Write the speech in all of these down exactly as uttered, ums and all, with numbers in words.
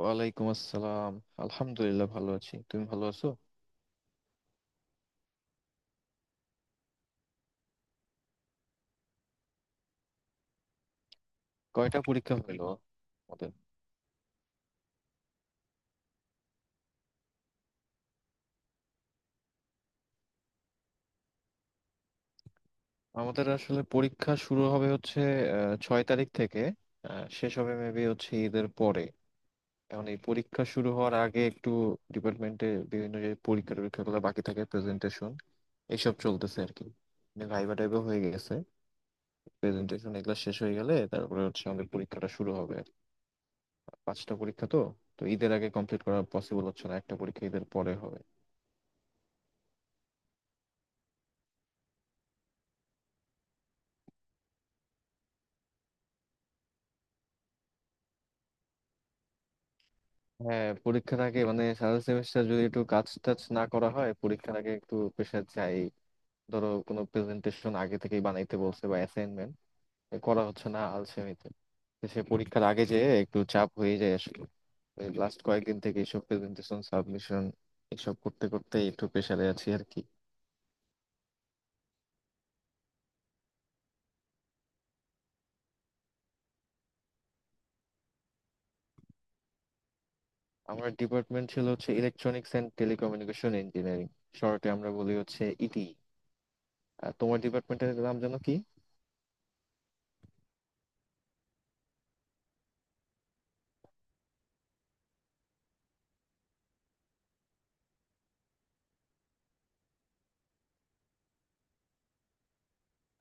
ওয়ালাইকুম আসসালাম। আলহামদুলিল্লাহ, ভালো আছি। তুমি ভালো আছো? কয়টা পরীক্ষা হলো আমাদের? আমাদের আসলে পরীক্ষা শুরু হবে হচ্ছে আহ, ছয় তারিখ থেকে। আহ, শেষ হবে মেবি হচ্ছে ঈদের পরে। এখন এই পরীক্ষা শুরু হওয়ার আগে একটু ডিপার্টমেন্টে বিভিন্ন যে পরীক্ষা টরীক্ষাগুলো বাকি থাকে, প্রেজেন্টেশন, এইসব চলতেছে আর কি। মানে ভাইবা টাইবা হয়ে গেছে, প্রেজেন্টেশন এগুলো শেষ হয়ে গেলে তারপরে হচ্ছে আমাদের পরীক্ষাটা শুরু হবে। পাঁচটা পরীক্ষা তো। তো ঈদের আগে কমপ্লিট করা পসিবল হচ্ছে না, একটা পরীক্ষা ঈদের পরে হবে। হ্যাঁ, পরীক্ষার আগে মানে সারা সেমিস্টার যদি একটু কাজ টাজ না করা হয় পরীক্ষার আগে একটু প্রেশার যায়। ধরো কোনো প্রেজেন্টেশন আগে থেকেই বানাইতে বলছে বা অ্যাসাইনমেন্ট করা হচ্ছে না আলসেমিতে। তো সে পরীক্ষার আগে যে একটু চাপ হয়ে যায় আসলে। লাস্ট কয়েকদিন থেকে এইসব প্রেজেন্টেশন সাবমিশন এসব করতে করতে একটু প্রেশারে আছি আর কি। আমার ডিপার্টমেন্ট ছিল হচ্ছে ইলেকট্রনিক্স অ্যান্ড টেলিকমিউনিকেশন ইঞ্জিনিয়ারিং। শর্টে আমরা বলি হচ্ছে ইটি। আর তোমার ডিপার্টমেন্টের নাম যেন কি?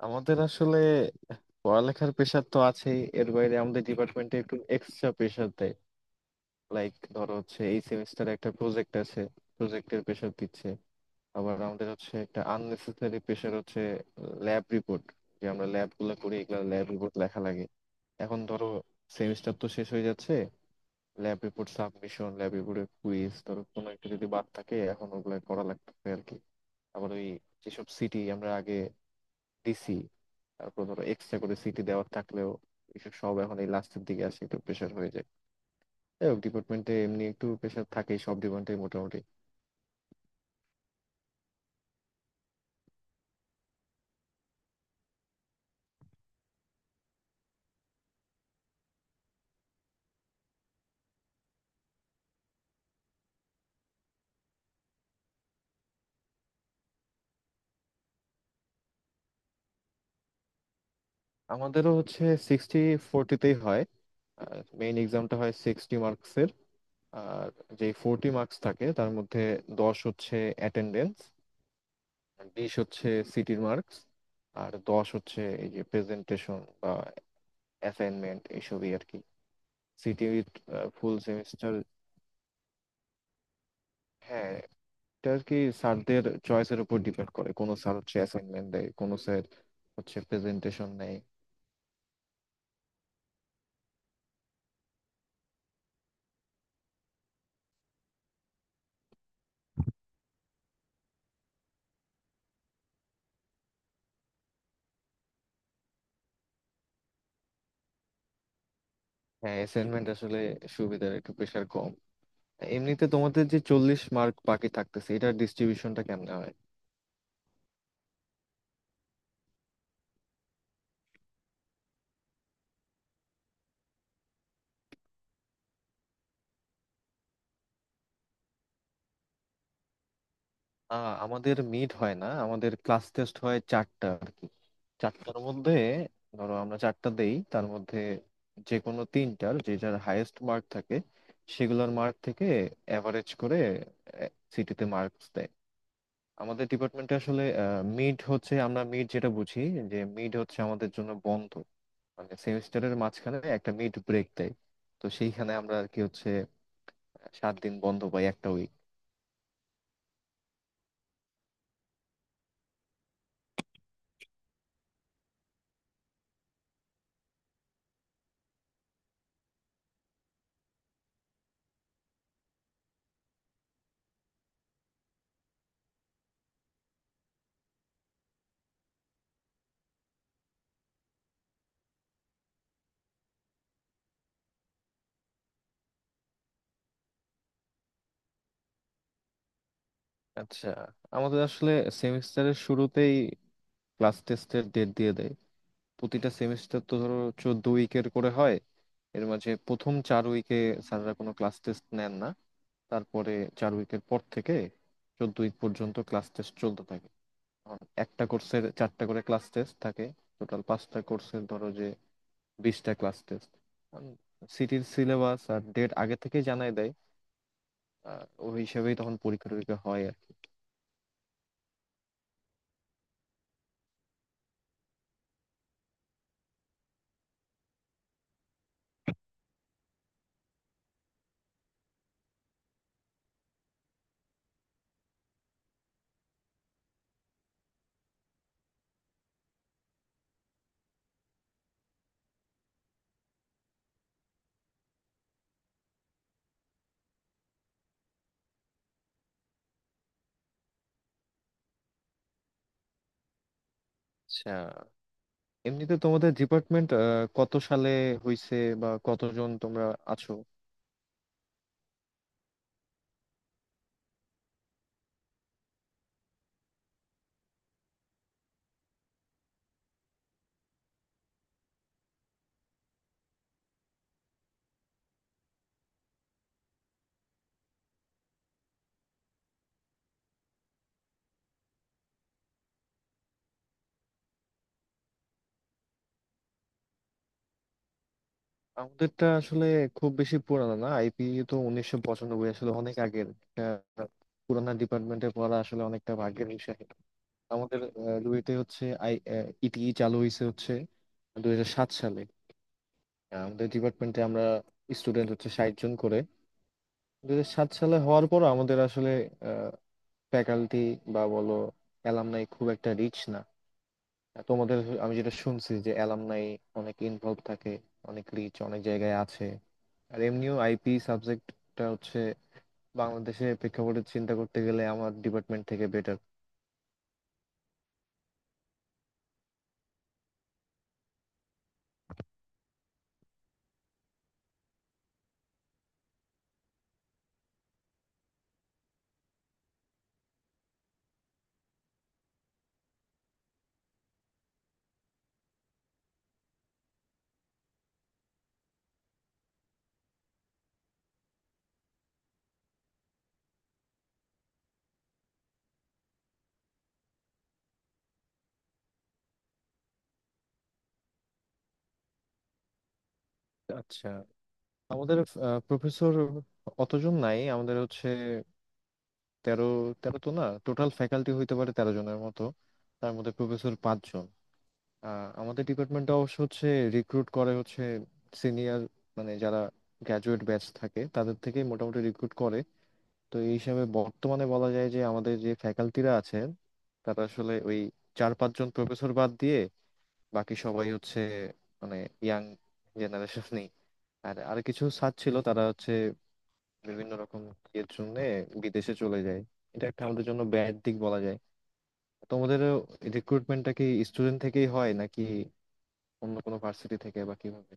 আমাদের আসলে পড়ালেখার প্রেশার তো আছেই, এর বাইরে আমাদের ডিপার্টমেন্টে একটু এক্সট্রা প্রেশার দেয়। লাইক ধরো হচ্ছে এই সেমিস্টারে একটা প্রজেক্ট আছে, প্রজেক্টের প্রেশার দিচ্ছে। আবার আমাদের হচ্ছে একটা আননেসেসারি প্রেশার হচ্ছে ল্যাব রিপোর্ট। যে আমরা ল্যাব গুলো করি এগুলো ল্যাব রিপোর্ট লেখা লাগে। এখন ধরো সেমিস্টার তো শেষ হয়ে যাচ্ছে, ল্যাব রিপোর্ট সাবমিশন, ল্যাব রিপোর্টের কুইজ, ধরো কোনো একটা যদি বাদ থাকে এখন ওগুলো করা লাগবে আর কি। আবার ওই যেসব সিটি আমরা আগে ডিসি, তারপর ধরো এক্সট্রা করে সিটি দেওয়ার থাকলেও এসব সব এখন এই লাস্টের দিকে আসে, একটু প্রেশার হয়ে যায়। যাই হোক, ডিপার্টমেন্টে এমনি একটু প্রেশার থাকেই সব ডিপার্টমেন্টে মোটামুটি। আমাদেরও হচ্ছে সিক্সটি ফোরটিতেই হয়। মেইন এক্সামটা হয় সিক্সটি মার্কসের। আর যে ফোরটি মার্কস থাকে তার মধ্যে দশ হচ্ছে অ্যাটেন্ডেন্স, বিশ হচ্ছে সিটির মার্কস, আর দশ হচ্ছে এই যে প্রেজেন্টেশন বা অ্যাসাইনমেন্ট এইসবই আর কি। সিটির ফুল সেমিস্টার। হ্যাঁ, এটা আর কি, স্যারদের চয়েসের উপর ডিপেন্ড করে কোনো স্যার হচ্ছে অ্যাসাইনমেন্ট দেয় কোনো স্যার হচ্ছে প্রেজেন্টেশন নেয়। হ্যাঁ, অ্যাসাইনমেন্ট আসলে সুবিধার, একটু প্রেশার কম। তা এমনিতে তোমাদের যে চল্লিশ মার্ক বাকি থাকতেছে এটার ডিস্ট্রিবিউশনটা কেমনে হয়? আহ আমাদের মিড হয় না, আমাদের ক্লাস টেস্ট হয় চারটা আর কি। চারটার মধ্যে ধরো আমরা চারটা দেই, তার মধ্যে যে কোনো তিনটার যে যার হাইয়েস্ট মার্ক থাকে সেগুলোর মার্ক থেকে অ্যাভারেজ করে সিটিতে মার্কস দেয়। আমাদের ডিপার্টমেন্টে আসলে মিড হচ্ছে, আমরা মিড যেটা বুঝি যে মিড হচ্ছে আমাদের জন্য বন্ধ, মানে সেমিস্টারের মাঝখানে একটা মিড ব্রেক দেয়। তো সেইখানে আমরা আর কি হচ্ছে সাত দিন বন্ধ পাই, একটা উইক। আচ্ছা, আমাদের আসলে সেমিস্টারের শুরুতেই ক্লাস টেস্টের ডেট দিয়ে দেয়। প্রতিটা সেমিস্টার তো ধরো চোদ্দ উইকের করে হয়। এর মাঝে প্রথম চার উইকে স্যাররা কোনো ক্লাস টেস্ট নেন না। তারপরে চার উইকের পর থেকে চোদ্দ উইক পর্যন্ত ক্লাস টেস্ট চলতে থাকে। একটা কোর্সের চারটা করে ক্লাস টেস্ট থাকে। টোটাল পাঁচটা কোর্সের ধরো যে বিশটা ক্লাস টেস্ট। সিটির সিলেবাস আর ডেট আগে থেকে জানাই দেয়। আহ, ওই হিসেবেই তখন পরীক্ষা টরীক্ষা হয় আর কি। আচ্ছা, এমনিতে তোমাদের ডিপার্টমেন্ট কত সালে হইছে বা কতজন তোমরা আছো? আমাদেরটা আসলে খুব বেশি পুরানো না আইপি, তো উনিশশো পঁচানব্বই আসলে অনেক আগের। আহ, পুরানা ডিপার্টমেন্টে পড়া আসলে অনেকটা ভাগ্যের বিষয়। আমাদের আহ, রুয়েটে হচ্ছে আই ইটি চালু হয়েছে হচ্ছে দুই হাজার সাত সালে। আহ, আমাদের ডিপার্টমেন্টে আমরা স্টুডেন্ট হচ্ছে ষাট জন করে। দুই হাজার সাত সালে হওয়ার পর আমাদের আসলে ফ্যাকাল্টি বা বলো অ্যালামনাই খুব একটা রিচ না। আহ, তোমাদের আমি যেটা শুনছি যে অ্যালামনাই অনেক ইনভলভ থাকে, অনেক রিচ, অনেক জায়গায় আছে। আর এমনিও আইপি সাবজেক্টটা হচ্ছে বাংলাদেশে প্রেক্ষাপটে চিন্তা করতে গেলে আমার ডিপার্টমেন্ট থেকে বেটার। আচ্ছা, আমাদের প্রফেসর অতজন নাই, আমাদের হচ্ছে তেরো, তেরো তো না, টোটাল ফ্যাকাল্টি হইতে পারে তেরো জনের মতো। তার মধ্যে প্রফেসর পাঁচজন। আহ, আমাদের ডিপার্টমেন্টটা অবশ্য হচ্ছে রিক্রুট করে হচ্ছে সিনিয়র, মানে যারা গ্র্যাজুয়েট ব্যাচ থাকে তাদের থেকেই মোটামুটি রিক্রুট করে। তো এই হিসাবে বর্তমানে বলা যায় যে আমাদের যে ফ্যাকাল্টিরা আছেন তারা আসলে ওই চার পাঁচজন প্রফেসর বাদ দিয়ে বাকি সবাই হচ্ছে মানে ইয়াং জেনারেশনই। আর আর কিছু স্যার ছিল, তারা হচ্ছে বিভিন্ন রকম ইয়ের জন্য বিদেশে চলে যায়। এটা একটা আমাদের জন্য ব্যাড দিক বলা যায়। তোমাদের রিক্রুটমেন্টটা কি স্টুডেন্ট থেকেই হয় নাকি অন্য কোনো ভার্সিটি থেকে বা কিভাবে?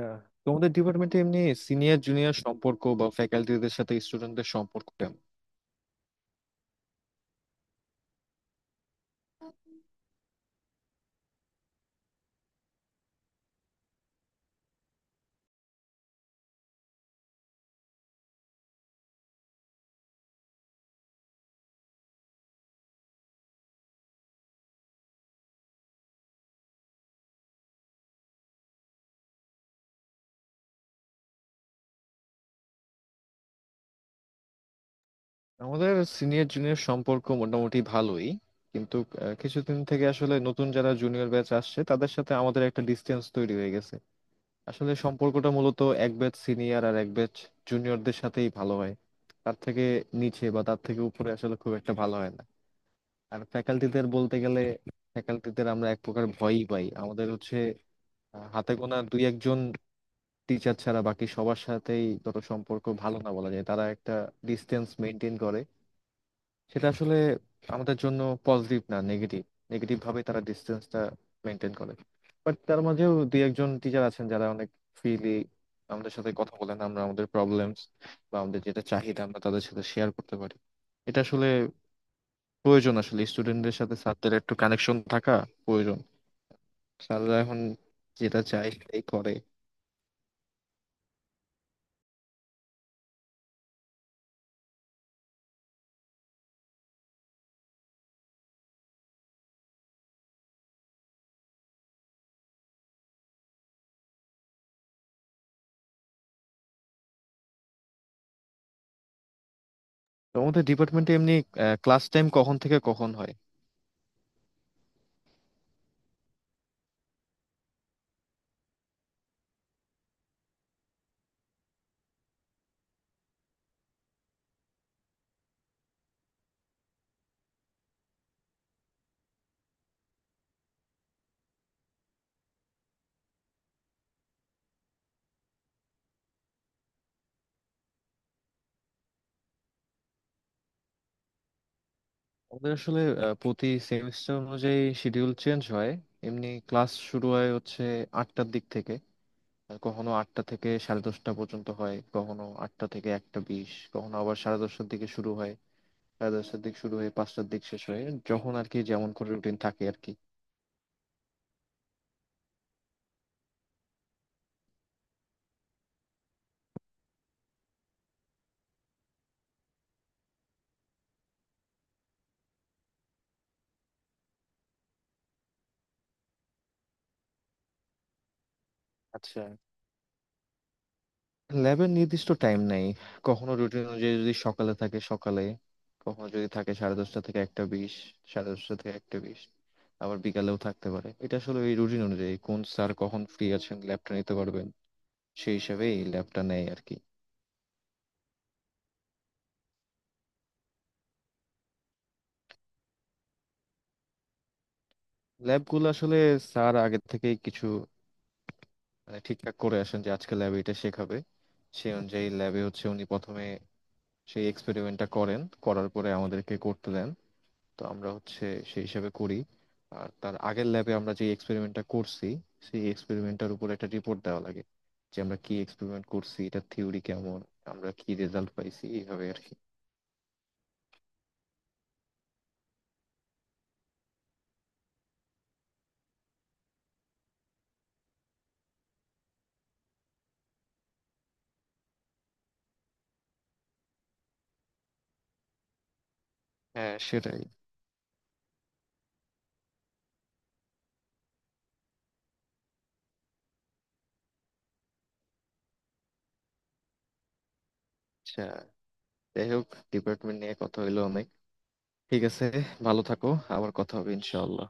আহ, তোমাদের ডিপার্টমেন্টে এমনি সিনিয়র জুনিয়র সম্পর্ক বা ফ্যাকাল্টিদের সাথে স্টুডেন্টদের সম্পর্ক কেমন? আমাদের সিনিয়র জুনিয়র সম্পর্ক মোটামুটি ভালোই, কিন্তু আহ, কিছুদিন থেকে আসলে নতুন যারা জুনিয়র ব্যাচ আসছে তাদের সাথে আমাদের একটা ডিসটেন্স তৈরি হয়ে গেছে। আসলে সম্পর্কটা মূলত এক ব্যাচ সিনিয়র আর এক ব্যাচ জুনিয়রদের সাথেই ভালো হয়। তার থেকে নিচে বা তার থেকে উপরে আসলে খুব একটা ভালো হয় না। আর ফ্যাকাল্টিদের বলতে গেলে ফ্যাকাল্টিদের আমরা এক প্রকার ভয়ই পাই। আমাদের হচ্ছে আহ, হাতে গোনা দুই একজন টিচার ছাড়া বাকি সবার সাথেই ধরো সম্পর্ক ভালো না বলা যায়, তারা একটা ডিসটেন্স মেনটেন করে। সেটা আসলে আমাদের জন্য পজিটিভ না নেগেটিভ, নেগেটিভ ভাবে তারা ডিস্টেন্সটা মেনটেন করে। বাট তার মাঝেও দুই একজন টিচার আছেন যারা অনেক ফ্রিলি আমাদের সাথে কথা বলেন। আমরা আমাদের প্রবলেমস বা আমাদের যেটা চাহিদা আমরা তাদের সাথে শেয়ার করতে পারি। এটা আসলে প্রয়োজন, আসলে স্টুডেন্টদের সাথে স্যারদের একটু কানেকশন থাকা প্রয়োজন। স্যাররা এখন যেটা চায় সেটাই করে। তো আমাদের ডিপার্টমেন্টে এমনি ক্লাস টাইম কখন থেকে কখন হয়? আমাদের আসলে আহ, প্রতি সেমিস্টার অনুযায়ী শিডিউল চেঞ্জ হয়। এমনি ক্লাস শুরু হয় হচ্ছে আটটার দিক থেকে। আর কখনো আটটা থেকে সাড়ে দশটা পর্যন্ত হয়, কখনো আটটা থেকে একটা বিশ, কখনো আবার সাড়ে দশটার দিকে শুরু হয়। সাড়ে দশটার দিক শুরু হয়ে পাঁচটার দিক শেষ হয়। যখন আর কি যেমন করে রুটিন থাকে আর কি। আচ্ছা, ল্যাবের নির্দিষ্ট টাইম নাই। কখনো রুটিন অনুযায়ী যদি সকালে থাকে সকালে, কখনো যদি থাকে সাড়ে দশটা থেকে একটা বিশ, সাড়ে দশটা থেকে একটা বিশ, আবার বিকালেও থাকতে পারে। এটা আসলে এই রুটিন অনুযায়ী কোন স্যার কখন ফ্রি আছেন ল্যাবটা নিতে পারবেন, সেই হিসাবে এই ল্যাবটা নেয় আর কি। ল্যাবগুলো আসলে স্যার আগে থেকেই কিছু মানে ঠিকঠাক করে আসেন যে আজকে ল্যাবে এটা শেখাবে। সেই অনুযায়ী ল্যাবে হচ্ছে উনি প্রথমে সেই এক্সপেরিমেন্টটা করেন, করার পরে আমাদেরকে করতে দেন। তো আমরা হচ্ছে সেই হিসাবে করি। আর তার আগের ল্যাবে আমরা যে এক্সপেরিমেন্টটা করছি সেই এক্সপেরিমেন্টটার উপর একটা রিপোর্ট দেওয়া লাগে। যে আমরা কি এক্সপেরিমেন্ট করছি, এটার থিওরি কেমন, আমরা কি রেজাল্ট পাইছি, এইভাবে আর কি। হ্যাঁ, সেটাই। আচ্ছা, যাই হোক, ডিপার্টমেন্ট নিয়ে কথা হইলো অনেক। ঠিক আছে, ভালো থাকো, আবার কথা হবে ইনশাআল্লাহ।